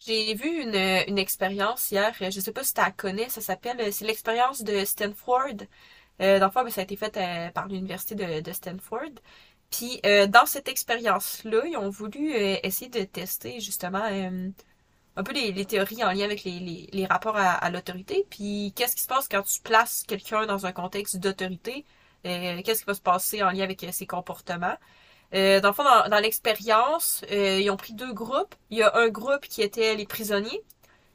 J'ai vu une expérience hier, je sais pas si tu la connais. Ça s'appelle, c'est l'expérience de Stanford. Dans le fond, ben, ça a été fait par l'université de Stanford. Puis dans cette expérience-là, ils ont voulu essayer de tester justement un peu les théories en lien avec les rapports à l'autorité. Puis qu'est-ce qui se passe quand tu places quelqu'un dans un contexte d'autorité? Qu'est-ce qui va se passer en lien avec ses comportements? Dans le fond, dans l'expérience, ils ont pris deux groupes. Il y a un groupe qui était les prisonniers,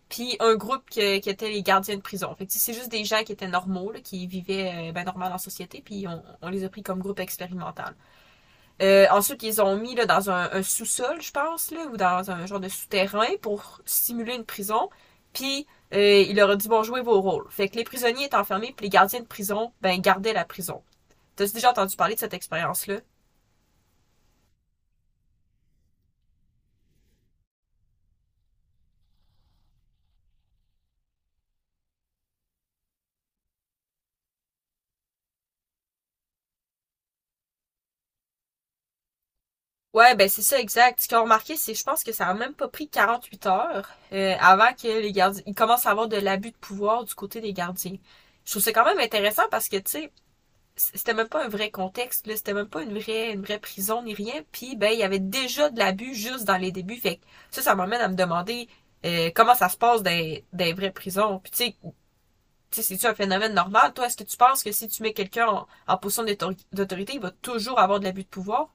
puis un groupe qui était les gardiens de prison. Fait que c'est juste des gens qui étaient normaux, là, qui vivaient ben, normal en société, puis on les a pris comme groupe expérimental. Ensuite, ils ont mis là, dans un sous-sol, je pense, là, ou dans un genre de souterrain pour simuler une prison. Puis il leur a dit bon, jouez vos rôles. Fait que les prisonniers étaient enfermés, puis les gardiens de prison, ben gardaient la prison. T'as déjà entendu parler de cette expérience-là? Ouais, ben c'est ça, exact. Ce qu'ils ont remarqué, c'est je pense que ça a même pas pris 48 heures, avant que les gardiens... Ils commencent à avoir de l'abus de pouvoir du côté des gardiens. Je trouve ça quand même intéressant parce que, tu sais, c'était même pas un vrai contexte, là, c'était même pas une vraie prison ni rien. Puis, ben, il y avait déjà de l'abus juste dans les débuts. Fait que ça m'amène à me demander comment ça se passe dans, des vraies prisons. Puis, tu sais, c'est-tu un phénomène normal? Toi, est-ce que tu penses que si tu mets quelqu'un en position d'autorité, il va toujours avoir de l'abus de pouvoir?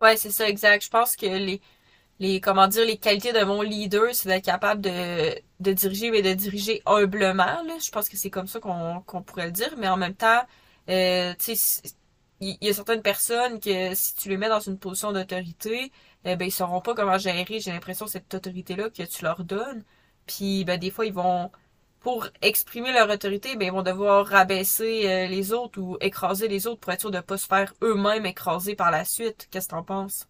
Ouais, c'est ça, exact. Je pense que les comment dire les qualités de mon leader, c'est d'être capable de diriger mais de diriger humblement. Là. Je pense que c'est comme ça qu'on pourrait le dire, mais en même temps, tu sais, si, il y a certaines personnes que si tu les mets dans une position d'autorité, eh ben ils sauront pas comment gérer, j'ai l'impression, cette autorité-là que tu leur donnes. Puis ben des fois, ils vont pour exprimer leur autorité, ben ils vont devoir rabaisser les autres ou écraser les autres pour être sûr de pas se faire eux-mêmes écraser par la suite. Qu'est-ce que t'en penses?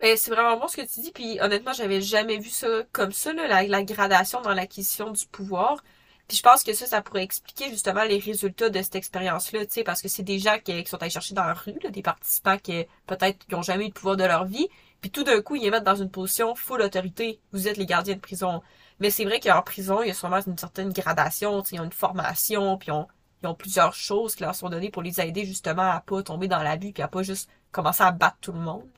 Ben, c'est vraiment bon ce que tu dis, puis honnêtement, j'avais jamais vu ça comme ça, là, la gradation dans l'acquisition du pouvoir. Puis je pense que ça pourrait expliquer justement les résultats de cette expérience-là, tu sais, parce que c'est des gens qui sont allés chercher dans la rue, là, des participants qui peut-être qui ont jamais eu le pouvoir de leur vie, puis tout d'un coup, ils les mettent dans une position full autorité. Vous êtes les gardiens de prison. Mais c'est vrai qu'en prison, il y a sûrement une certaine gradation, tu sais, ils ont une formation, puis ils ont plusieurs choses qui leur sont données pour les aider justement à pas tomber dans l'abus, puis à pas juste commencer à battre tout le monde.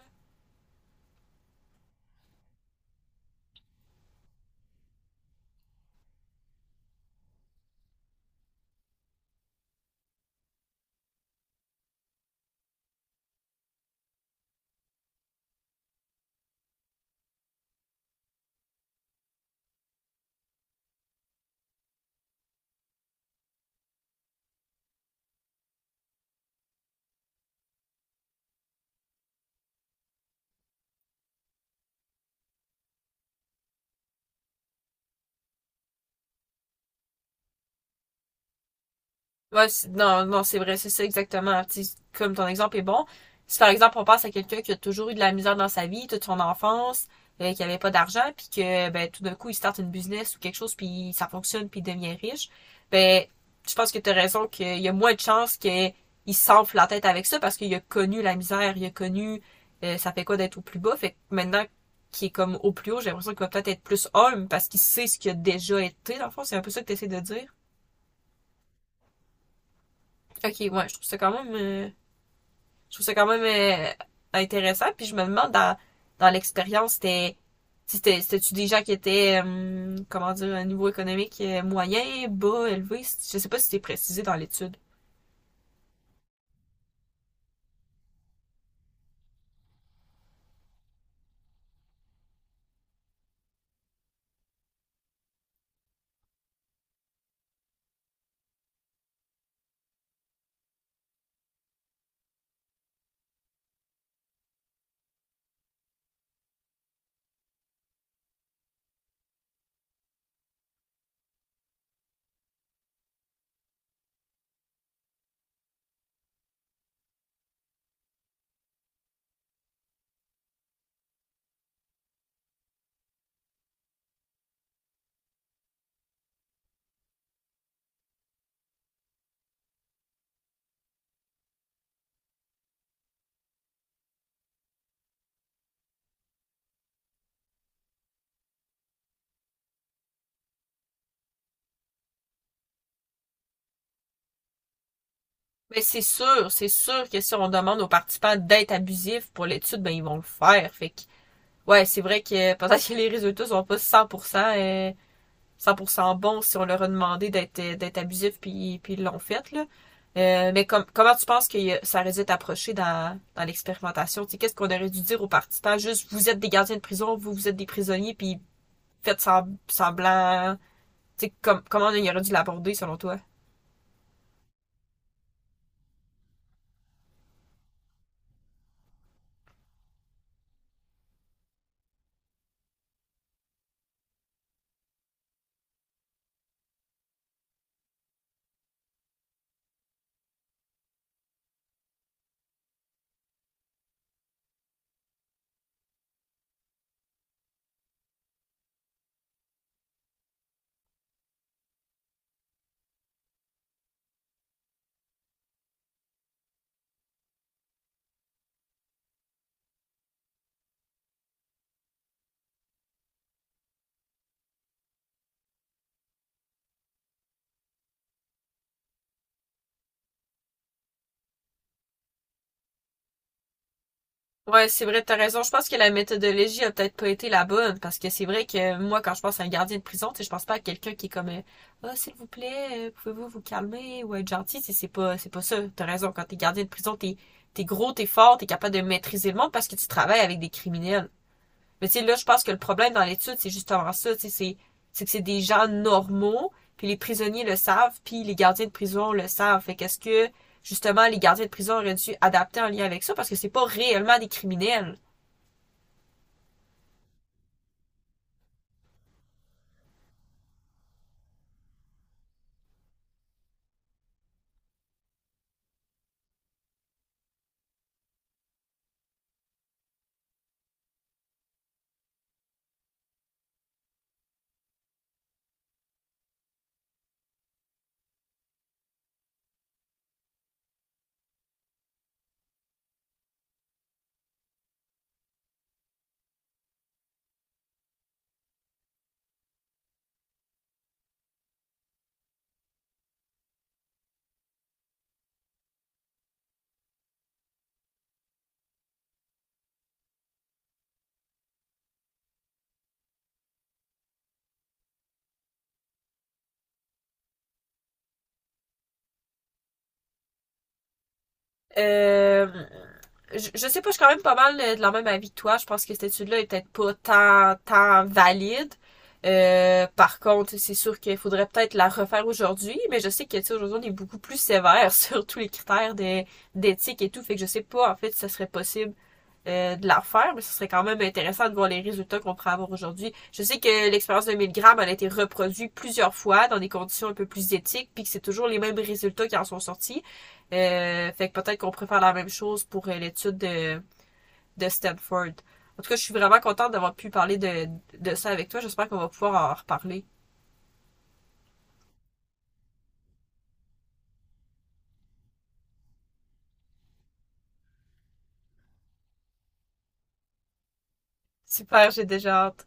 Non, c'est vrai, c'est ça exactement. Tu sais, comme ton exemple est bon, si par exemple on pense à quelqu'un qui a toujours eu de la misère dans sa vie, toute son enfance, qui avait pas d'argent, puis que ben tout d'un coup il starte une business ou quelque chose, puis ça fonctionne, puis il devient riche, ben je pense que tu as raison qu'il y a moins de chances qu'il s'enfle la tête avec ça parce qu'il a connu la misère, il a connu ça fait quoi d'être au plus bas. Fait que maintenant qu'il est comme au plus haut, j'ai l'impression qu'il va peut-être être plus homme parce qu'il sait ce qu'il a déjà été, dans le fond. C'est un peu ça que tu essaies de dire. Ok, ouais, je trouve ça quand même euh, intéressant. Puis je me demande dans l'expérience, c'était-tu des gens qui étaient comment dire à un niveau économique moyen, bas, élevé? Je sais pas si c'était précisé dans l'étude. Mais c'est sûr que si on demande aux participants d'être abusifs pour l'étude, ben ils vont le faire. Fait que ouais, c'est vrai que peut-être que les résultats sont pas 100% euh, 100% bon si on leur a demandé d'être d'être abusif puis ils l'ont fait là. Mais com- comment tu penses que ça aurait dû être approché dans l'expérimentation? Tu sais, qu'est-ce qu'on aurait dû dire aux participants? Juste, vous êtes des gardiens de prison, vous êtes des prisonniers, puis faites semblant. Tu sais, com- comment on aurait dû l'aborder selon toi? Ouais, c'est vrai, t'as raison. Je pense que la méthodologie a peut-être pas été la bonne, parce que c'est vrai que moi, quand je pense à un gardien de prison, tu sais, je pense pas à quelqu'un qui est comme, ah, s'il vous plaît, pouvez-vous vous calmer ou être gentil. Tu sais, c'est pas, c'est pas ça. T'as raison. Quand t'es gardien de prison, t'es gros, t'es fort, t'es capable de maîtriser le monde parce que tu travailles avec des criminels. Mais tu sais, là, je pense que le problème dans l'étude, c'est justement ça, tu sais, c'est que c'est des gens normaux, puis les prisonniers le savent, puis les gardiens de prison le savent. Fait qu'est-ce que, justement, les gardiens de prison auraient dû adapter en lien avec ça, parce que c'est pas réellement des criminels. Euh, je sais pas, je suis quand même pas mal de la même avis que toi. Je pense que cette étude-là est peut-être pas tant valide. Par contre, c'est sûr qu'il faudrait peut-être la refaire aujourd'hui, mais je sais que, tu sais, aujourd'hui, on est beaucoup plus sévère sur tous les critères d'éthique et tout, fait que je sais pas, en fait, si ça serait possible de la faire, mais ce serait quand même intéressant de voir les résultats qu'on pourrait avoir aujourd'hui. Je sais que l'expérience de 1000 grammes a été reproduite plusieurs fois dans des conditions un peu plus éthiques, puis que c'est toujours les mêmes résultats qui en sont sortis. Fait que peut-être qu'on pourrait faire la même chose pour l'étude de Stanford. En tout cas, je suis vraiment contente d'avoir pu parler de ça avec toi. J'espère qu'on va pouvoir en reparler. Super, j'ai déjà hâte.